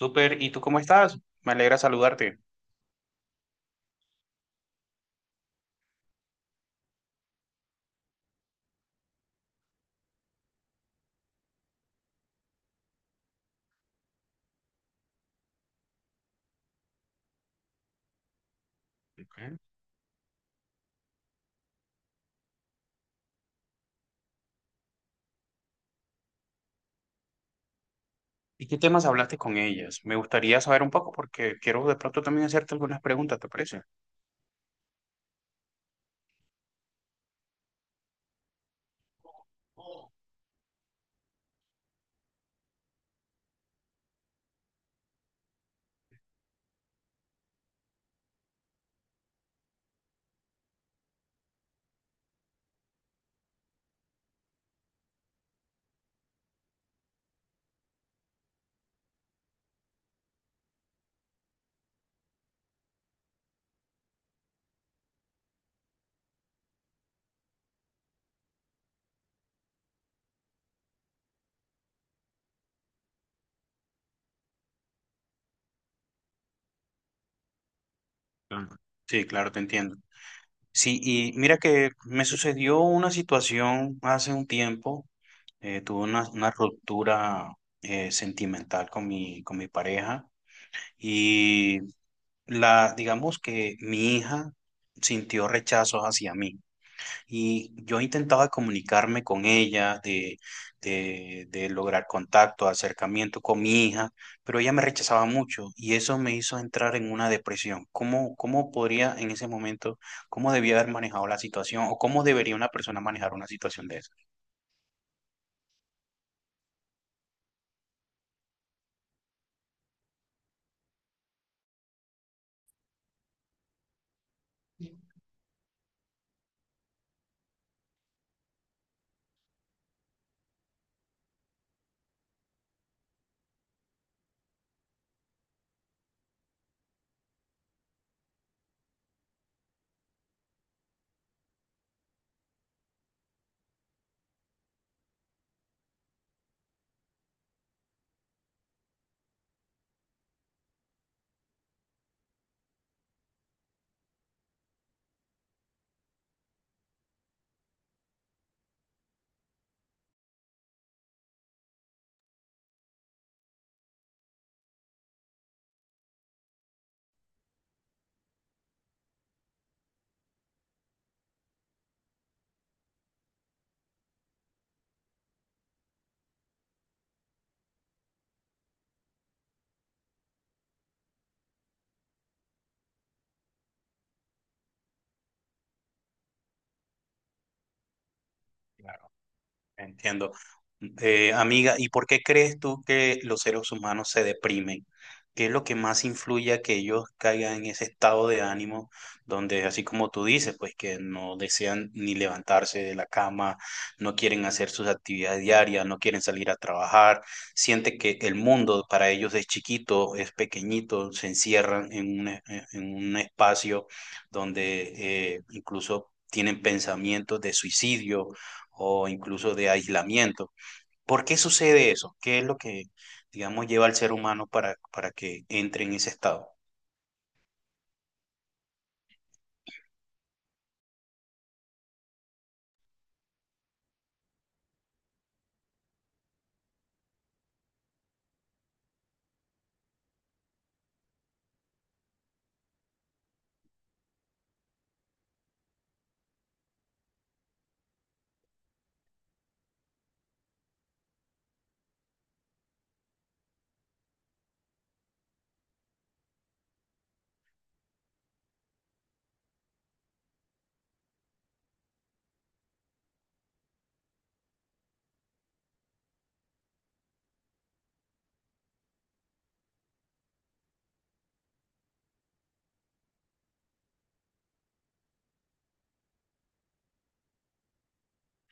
Súper, ¿y tú cómo estás? Me alegra saludarte. Ok. ¿Y qué temas hablaste con ellas? Me gustaría saber un poco porque quiero de pronto también hacerte algunas preguntas, ¿te parece? Claro. Sí, claro, te entiendo. Sí, y mira que me sucedió una situación hace un tiempo. Tuve una ruptura sentimental con mi pareja y digamos que mi hija sintió rechazos hacia mí. Y yo intentaba comunicarme con ella, de lograr contacto, acercamiento con mi hija, pero ella me rechazaba mucho y eso me hizo entrar en una depresión. ¿Cómo podría en ese momento, cómo debía haber manejado la situación o cómo debería una persona manejar una situación de esa? Entiendo. Amiga, ¿y por qué crees tú que los seres humanos se deprimen? ¿Qué es lo que más influye a que ellos caigan en ese estado de ánimo donde, así como tú dices, pues que no desean ni levantarse de la cama, no quieren hacer sus actividades diarias, no quieren salir a trabajar, siente que el mundo para ellos es chiquito, es pequeñito, se encierran en un, en un espacio donde incluso tienen pensamientos de suicidio o incluso de aislamiento. ¿Por qué sucede eso? ¿Qué es lo que, digamos, lleva al ser humano para que entre en ese estado?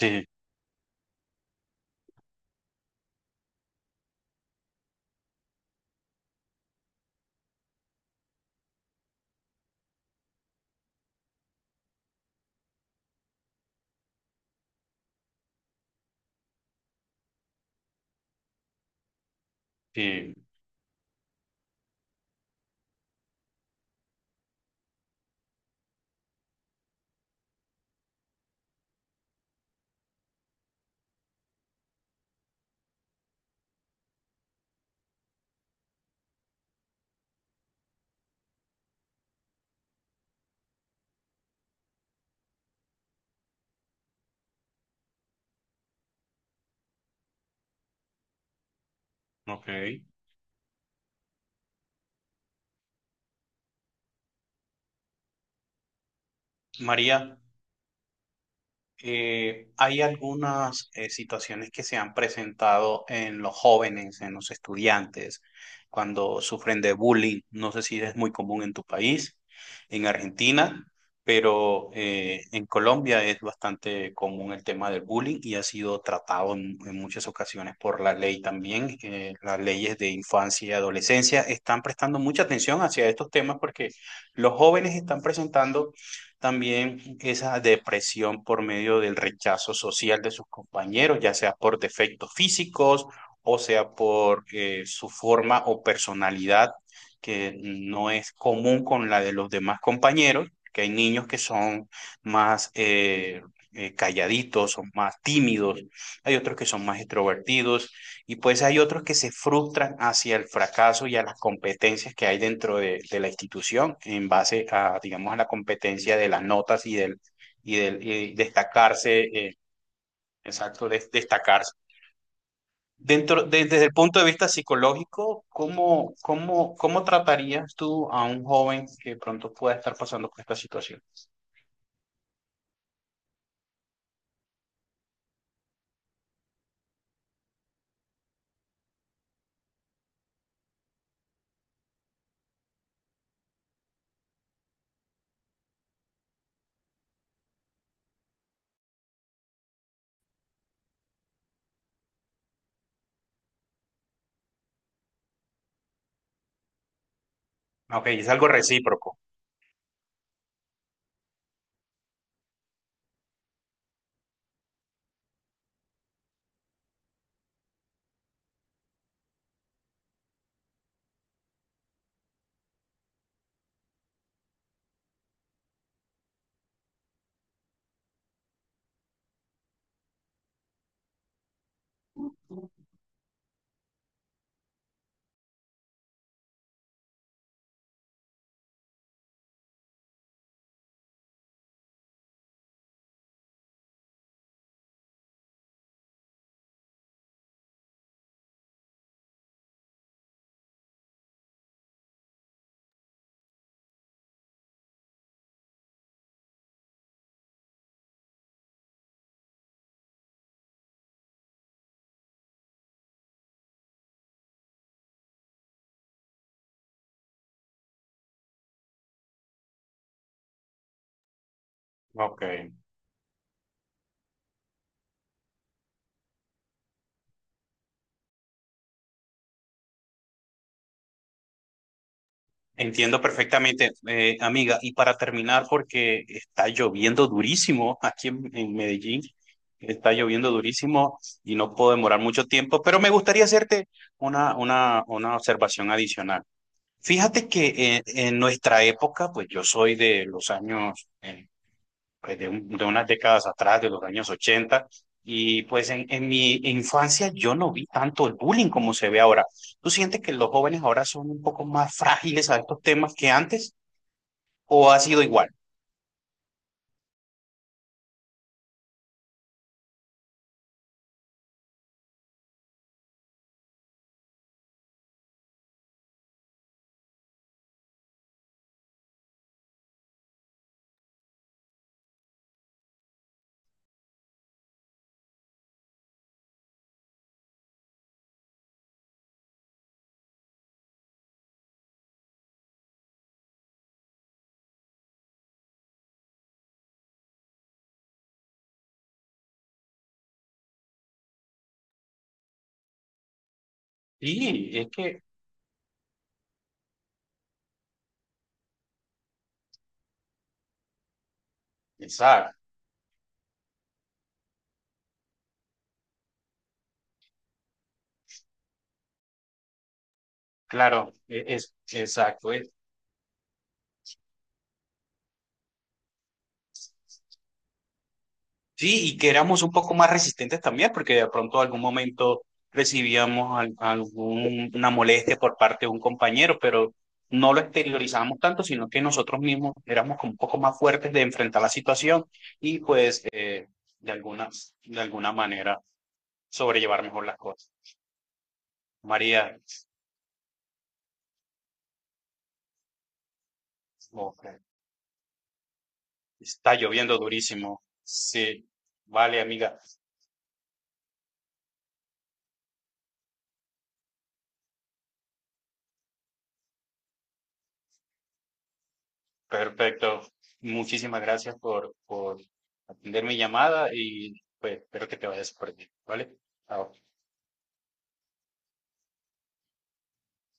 Sí, sí, ok. María. Hay algunas situaciones que se han presentado en los jóvenes, en los estudiantes, cuando sufren de bullying. No sé si es muy común en tu país, en Argentina, pero en Colombia es bastante común el tema del bullying y ha sido tratado en muchas ocasiones por la ley también. Las leyes de infancia y adolescencia están prestando mucha atención hacia estos temas porque los jóvenes están presentando también esa depresión por medio del rechazo social de sus compañeros, ya sea por defectos físicos o sea por su forma o personalidad que no es común con la de los demás compañeros, que hay niños que son más calladitos, son más tímidos, hay otros que son más extrovertidos y pues hay otros que se frustran hacia el fracaso y a las competencias que hay dentro de la institución en base a, digamos, a la competencia de las notas y destacarse, exacto, destacarse. Desde el punto de vista psicológico, ¿cómo tratarías tú a un joven que pronto pueda estar pasando por esta situación? Ok, es algo recíproco. Ok. Entiendo perfectamente, amiga. Y para terminar, porque está lloviendo durísimo aquí en Medellín, está lloviendo durísimo y no puedo demorar mucho tiempo, pero me gustaría hacerte una observación adicional. Fíjate que en nuestra época, pues yo soy de los años pues, de unas décadas atrás, de los años 80. Y pues en mi infancia yo no vi tanto el bullying como se ve ahora. ¿Tú sientes que los jóvenes ahora son un poco más frágiles a estos temas que antes o ha sido igual? Sí, es que, exacto, claro, es, exacto. Sí, y que éramos un poco más resistentes también, porque de pronto algún momento recibíamos alguna molestia por parte de un compañero, pero no lo exteriorizábamos tanto, sino que nosotros mismos éramos como un poco más fuertes de enfrentar la situación y pues de alguna, de alguna manera sobrellevar mejor las cosas. María. Ok, está lloviendo durísimo. Sí, vale, amiga. Perfecto. Muchísimas gracias por atender mi llamada y pues espero que te vayas por bien, ¿vale? Chao.